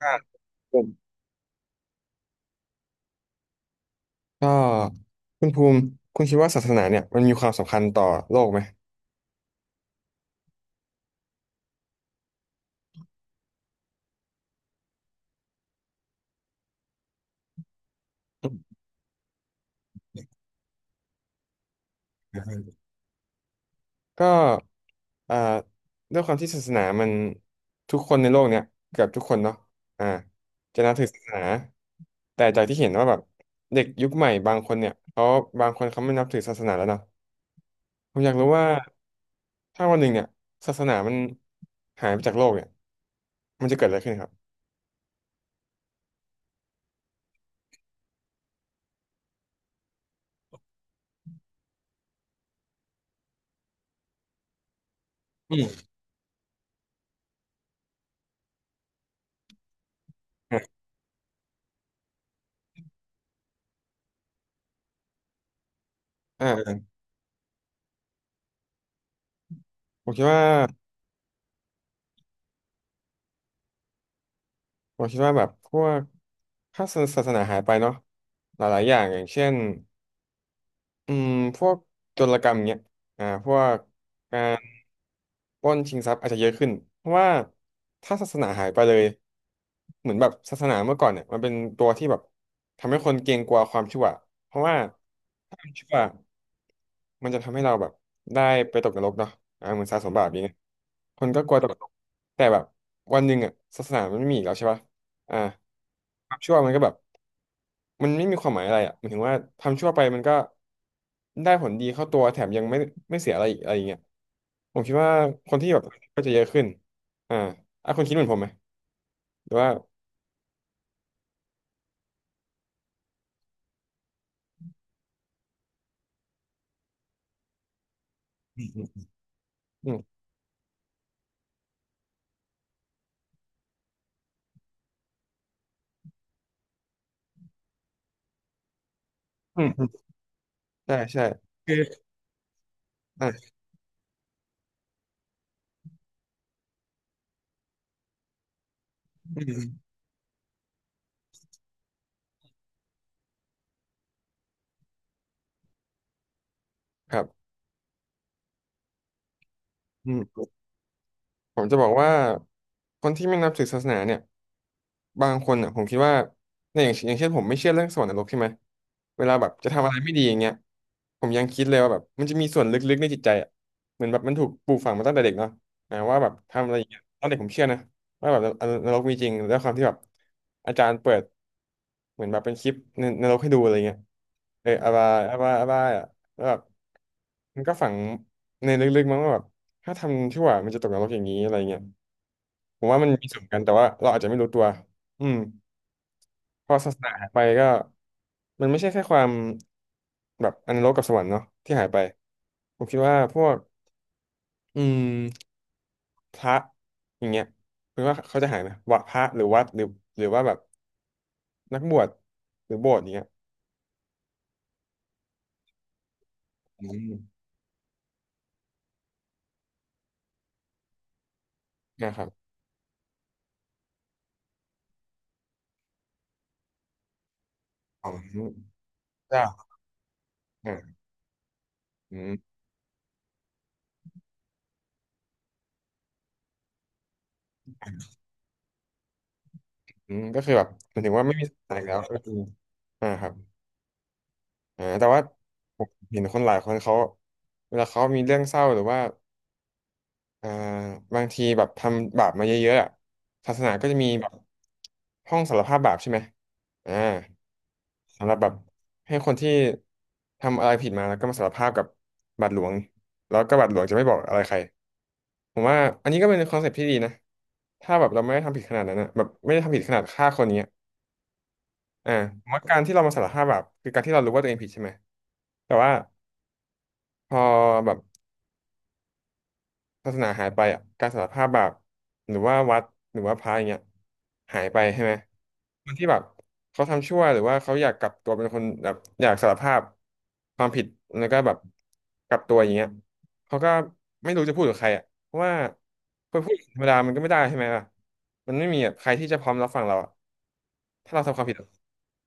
อ่ผมก็คุณภูมิคุณคิดว่าศาสนาเนี่ยมันมีความสำคัญต่อโลกไหมอืมก็อ่าด้วยความที่ศาสนามันทุกคนในโลกเนี่ยเกือบทุกคนเนาะอ่าจะนับถือศาสนาแต่จากที่เห็นว่าแบบเด็กยุคใหม่บางคนเนี่ยเขาบางคนเขาไม่นับถือศาสนาแล้วเนาะผมอยากรู้ว่าถ้าวันหนึ่งเนี่ยศาสนามันหายไปจากโลกเนี่ยมันจะเกิดอะไรขึ้นครับอืมอ่าอ่าผมคิดว่า ผมคิดว่าแบบพวกถ้าศาสนาหายไปเนาะหลายๆอย่างอย่างเช่นอืมพวกโจรกรรมเงี้ยพวกการปล้นชิงทรัพย์อาจจะเยอะขึ้นเพราะว่าถ้าศาสนาหายไปเลยเหมือนแบบศาสนาเมื่อก่อนเนี่ยมันเป็นตัวที่แบบทำให้คนเกรงกลัวความชั่วเพราะว่าถ้ามันชั่วมันจะทำให้เราแบบได้ไปตกนรกเนาะเหมือนสะสมบาปอย่างเงี้ยคนก็กลัวตกนรกแต่แบบวันหนึ่งอ่ะศาสนามันไม่มีอีกแล้วใช่ปะอ่าความชั่วมันก็แบบ มันไม่มีความหมายอะไรอ่ะหมายถึงว่าทำชั่วไปมันก็ได้ผลดีเข้าตัวแถมยังไม่เสียอะไรอีกอะไรอย่างเงี้ยผมคิดว่าคนที่แบบก็จะเยอะขึ้นอ่าอ่ะคุณคิดเหมือนผมไหมหรือว่าอืมอืมใช่ใช่คืออ่ะอืมครับอืมผมจะบอกว่าคนที่ไม่นับถือศาสนาเนี่ยบางคนอ่ะผมคิดว่าในอย่างอย่างเช่นผมไม่เชื่อเรื่องสวรรค์นรกใช่ไหมเวลาแบบจะทำอะไรไม่ดีอย่างเงี้ยผมยังคิดเลยว่าแบบมันจะมีส่วนลึกๆในจิตใจอ่ะเหมือนแบบมันถูกปลูกฝังมาตั้งแต่เด็กเนาะ ทำอะไรอย่างเงี้ยตอนเด็กผมเชื่อนะว่าแบบนนรกมีจริงแล้วความที่แบบอาจารย์เปิดเหมือนแบบเป็นคลิปในนรกให้ดูอะไรเงี้ยอาบายอาบายอ่ะแล้วแบบมันก็ฝังในลึกๆมั้งว่าแบบถ้าทำชั่วมันจะตกนรกอย่างนี้อะไรเงี้ยผมว่ามันมีส่วนกันแต่ว่าเราอาจจะไม่รู้ตัวอืมพอศาสนาหายไปก็มันไม่ใช่แค่ความแบบอนรกกับสวรรค์เนาะที่หายไปผมคิดว่าพวกอืม พระอย่างเงี้ยคุณว่าเขาจะหายไหมวัดพระหรือวัดหรือหรือว่าแบบนักบวชหรือโบสถ์อย่างเงี้ยอืมนะครับของเจ้าอ่าอืมอืมก็คือแบบหมายถึงว่าไม่มีศาสนาอีกแล้วก็คือครับแต่ว่าผมเห็นคนหลายคนเขาเวลาเขามีเรื่องเศร้าหรือว่าอ่าบางทีแบบทำบาปมาเยอะๆอะศาสนาก็จะมีแบบห้องสารภาพบาปใช่ไหมอ่า สำหรับแบบให้คนที่ทำอะไรผิดมาแล้วก็มาสารภาพกับบาดหลวงแล้วก็บาทหลวงจะไม่บอกอะไรใครผมว่าอันนี้ก็เป็นคอนเซ็ปต์ที่ดีนะถ้าแบบเราไม่ได้ทำผิดขนาดนั้นนะแบบไม่ได้ทำผิดขนาดฆ่าคนเนี้ยอ่าผมว่าการที่เรามาสารภาพแบบคือการที่เรารู้ว่าตัวเองผิดใช่ไหมแต่ว่าพอแบบ ศาสนาหายไปอ่ะการสารภาพบาปหรือว่าวัดหรือว่าพระอย่างเงี้ยหายไปใช่ไหมคนที่แบบเขาทำชั่วหรือว่าเขาอยากกลับตัวเป็นคนแบบอยากสารภาพความผิดแล้วก็แบบกลับตัวอย่างเงี้ย เขาก็ไม่รู้จะพูดกับใครอ่ะเพราะว่าพอพูดธรรมดามันก็ไม่ได้ใช่ไหมล่ะมันไม่มีแบบใครที่จะพร้อมรับฟังเราอะถ้าเราทำความผิดอะ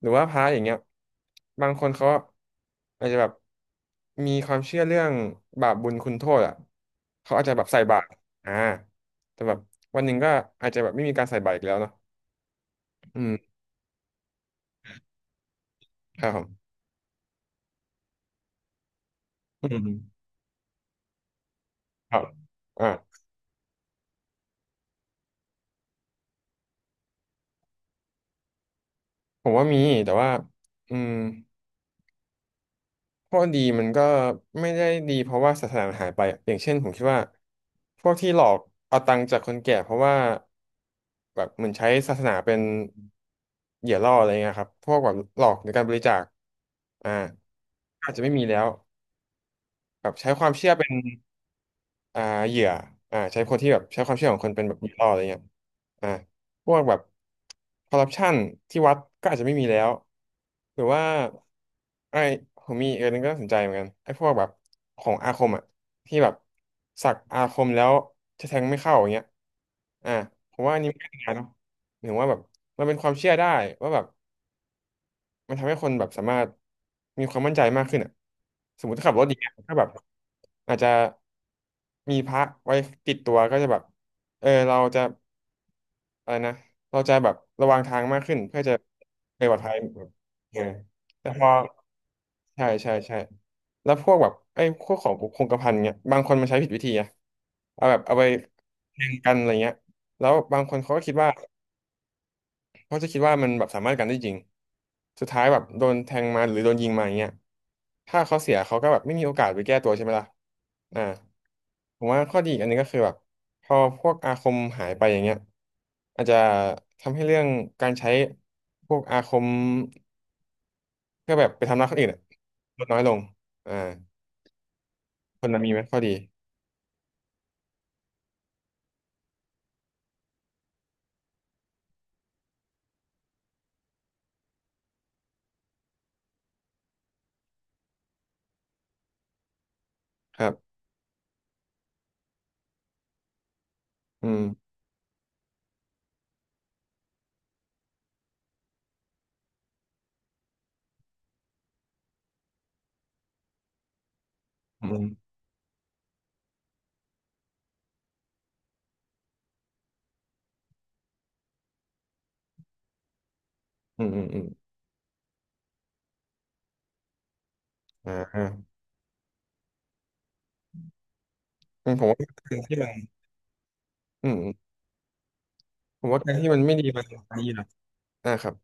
หรือว่าพระอย่างเงี้ยบางคนเขาอาจจะแบบมีความเชื่อเรื่องบาปบุญคุณโทษอ่ะเขาอาจจะแบบใส่บาตรอ่าแต่แบบวันหนึ่งก็อาจจะแบบไม่มีการใส่บาตรอีกแล้วเนาะอืมครับผมอืมครับอ่าผมว่ามีแต่ว่าอืม ข้อดีมันก็ไม่ได้ดีเพราะว่าศาสนาหายไปอะอย่างเช่นผมคิดว่าพวกที่หลอกเอาตังค์จากคนแก่เพราะว่าแบบเหมือนใช้ศาสนาเป็นเหยื่อล่ออะไรเงี้ยครับพวกแบบหลอกในการบริจาคอ่าอาจจะไม่มีแล้วแบบใช้ความเชื่อเป็น อ่าเหยื่อใช้คนที่แบบใช้ความเชื่อของคนเป็นแบบเหยื่อล่ออะไรเงี้ยอ่าพวกแบบคอร์รัปชันที่วัดก็อาจจะไม่มีแล้วหรือว่าไอ้ผมมีอีกอันหนึงก็น่าสนใจเหมือนกันไอ้พวกแบบของอาคมอ่ะที่แบบสักอาคมแล้วจะแทงไม่เข้าอย่างเงี้ยอ่าผมว่าอันนี้ไม่ได้นะเนอะหรือว่าแบบมันเป็นความเชื่อได้ว่าแบบ มันทำให้คนแบบสามารถมีความมั่นใจมากขึ้นอ่ะสมมติถ้าขับรถอย่างเงี้ยถ้าแบบอาจจะมีพระไว้ติดตัวก็จะแบบเออเราจะอะไรนะเราจะแบบระวังทางมากขึ้นเพื่อจะไปปลอดภัยเออแต่พอใช่ใช่ใช่แล้วพวกแบบไอ้พวกของคงกระพันเนี่ยบางคนมันใช้ผิดวิธีอะเอาแบบเอาไปแทงกันอะไรเงี้ยแล้วบางคนเขาก็คิดว่า เพราะจะคิดว่ามันแบบสามารถกันได้จริง สุดท้ายแบบโดนแทงมาหรือโดนยิงมาอย่างเงี้ยถ้าเขาเสียเขาก็แบบไม่มีโอกาสไปแก้ตัวใช่ไหมล่ะอ่าผมว่าข้อดีอีกอันหนึงก็คือแบบพอพวกอาคมหายไปอย่างเงี้ยอาจจะทำให้เรื่องการใช้พวกอาคมเพื่อแบบไปทำร้ายคนอื่นอะลดน้อยลงอ่าคนนั้นมีไหมข้อดีครับอืมอืมอืมอืมอืมอ่าอ่าผมว่าอืมผมว่าการที่มันไม่ดีมันไม่ดีหรอกอ่าครับ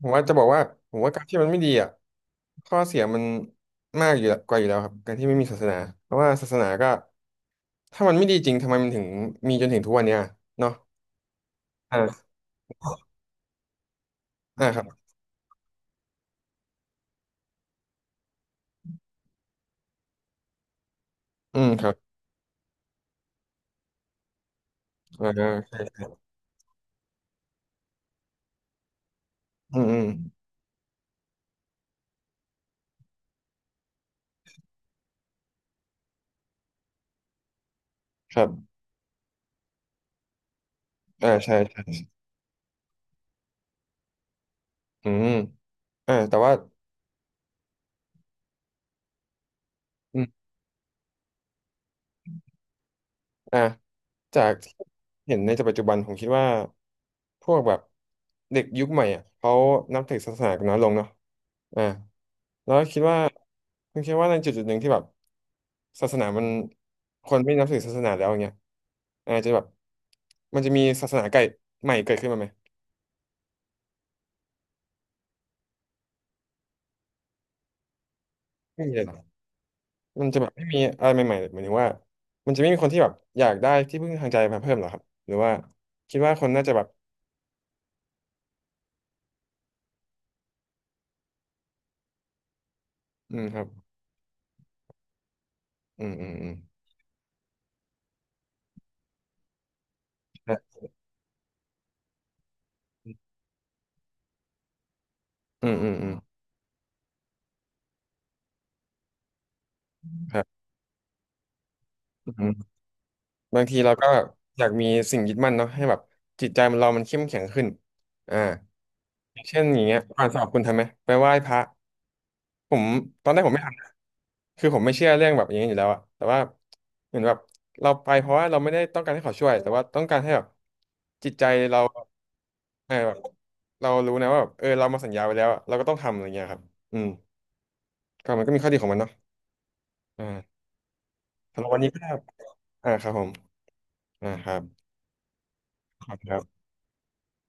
ผมว่าจะบอกว่าผมว่าการที่มันไม่ดีอ่ะข้อเสียมันมากอยู่แล้วกว่าอยู่แล้วครับการที่ไม่มีศาสนาเพราะว่าศาสนาก็ถ้ามันไม่ดีจริงทำไมมันถึงมีจนถึงทุกวันเนี้ยเนาะอ่าอ่าครับอืมครับอ่าใช่อืมอืมครับอ่าใช่ใช่อืมแต่ว่าอืมอ่าจากที่เห็นในปัจจุบันผมคิดว่า พวกแบบเด็กยุคใหม่อ่ะเขานับถือศาสนากันน้อยลงเนาะอ่าแล้วคิดว่าคุณคิดว่าในจุดจุดหนึ่งที่แบบศาสนามันคนไม่นับถือศาสนาแล้วอย่างเงี้ยอาจจะแบบมันจะมีศาสนาไก่ใหม่เกิดขึ้นมาไหมไม่มีเลยเหรอมันจะแบบไม่มีอะไรใหม่ๆหมายถึงว่ามันจะไม่มีคนที่แบบอยากได้ที่พึ่งทางใจมาเพิ่มเหรอครับหรือว่าคิดว่าคนน่าจะแบบอืมครับอืมอืมอืมใช่อืมอืมอืมครับ บางทีเราก็แบบอยากมีสิ่งยึดมั่นเนาะให้แบบจิตใจมันเรามันเข้มแข็งขึ้นอ่าอย่างเช่นอย่างเงี้ยก่อนสอบคุณทำไหมไปไหว้พระผมตอนแรกผมไม่ทำนะคือผมไม่เชื่อเรื่องแบบอย่างนี้อยู่แล้วอะแต่ว่าเหมือนแบบเราไปเพราะว่าเราไม่ได้ต้องการให้เขาช่วยแต่ว่าต้องการให้แบบจิตใจเราเออแบบเรารู้นะว่าแบบเออเรามาสัญญาไว้แล้วอะเราก็ต้องทำอะไรเงี้ยครับอืมก็มันก็มีข้อดีของมันเนาะอ่าสำหรับวันนี้ก็อ่าครับผมอ่าครับขอบคุณครับ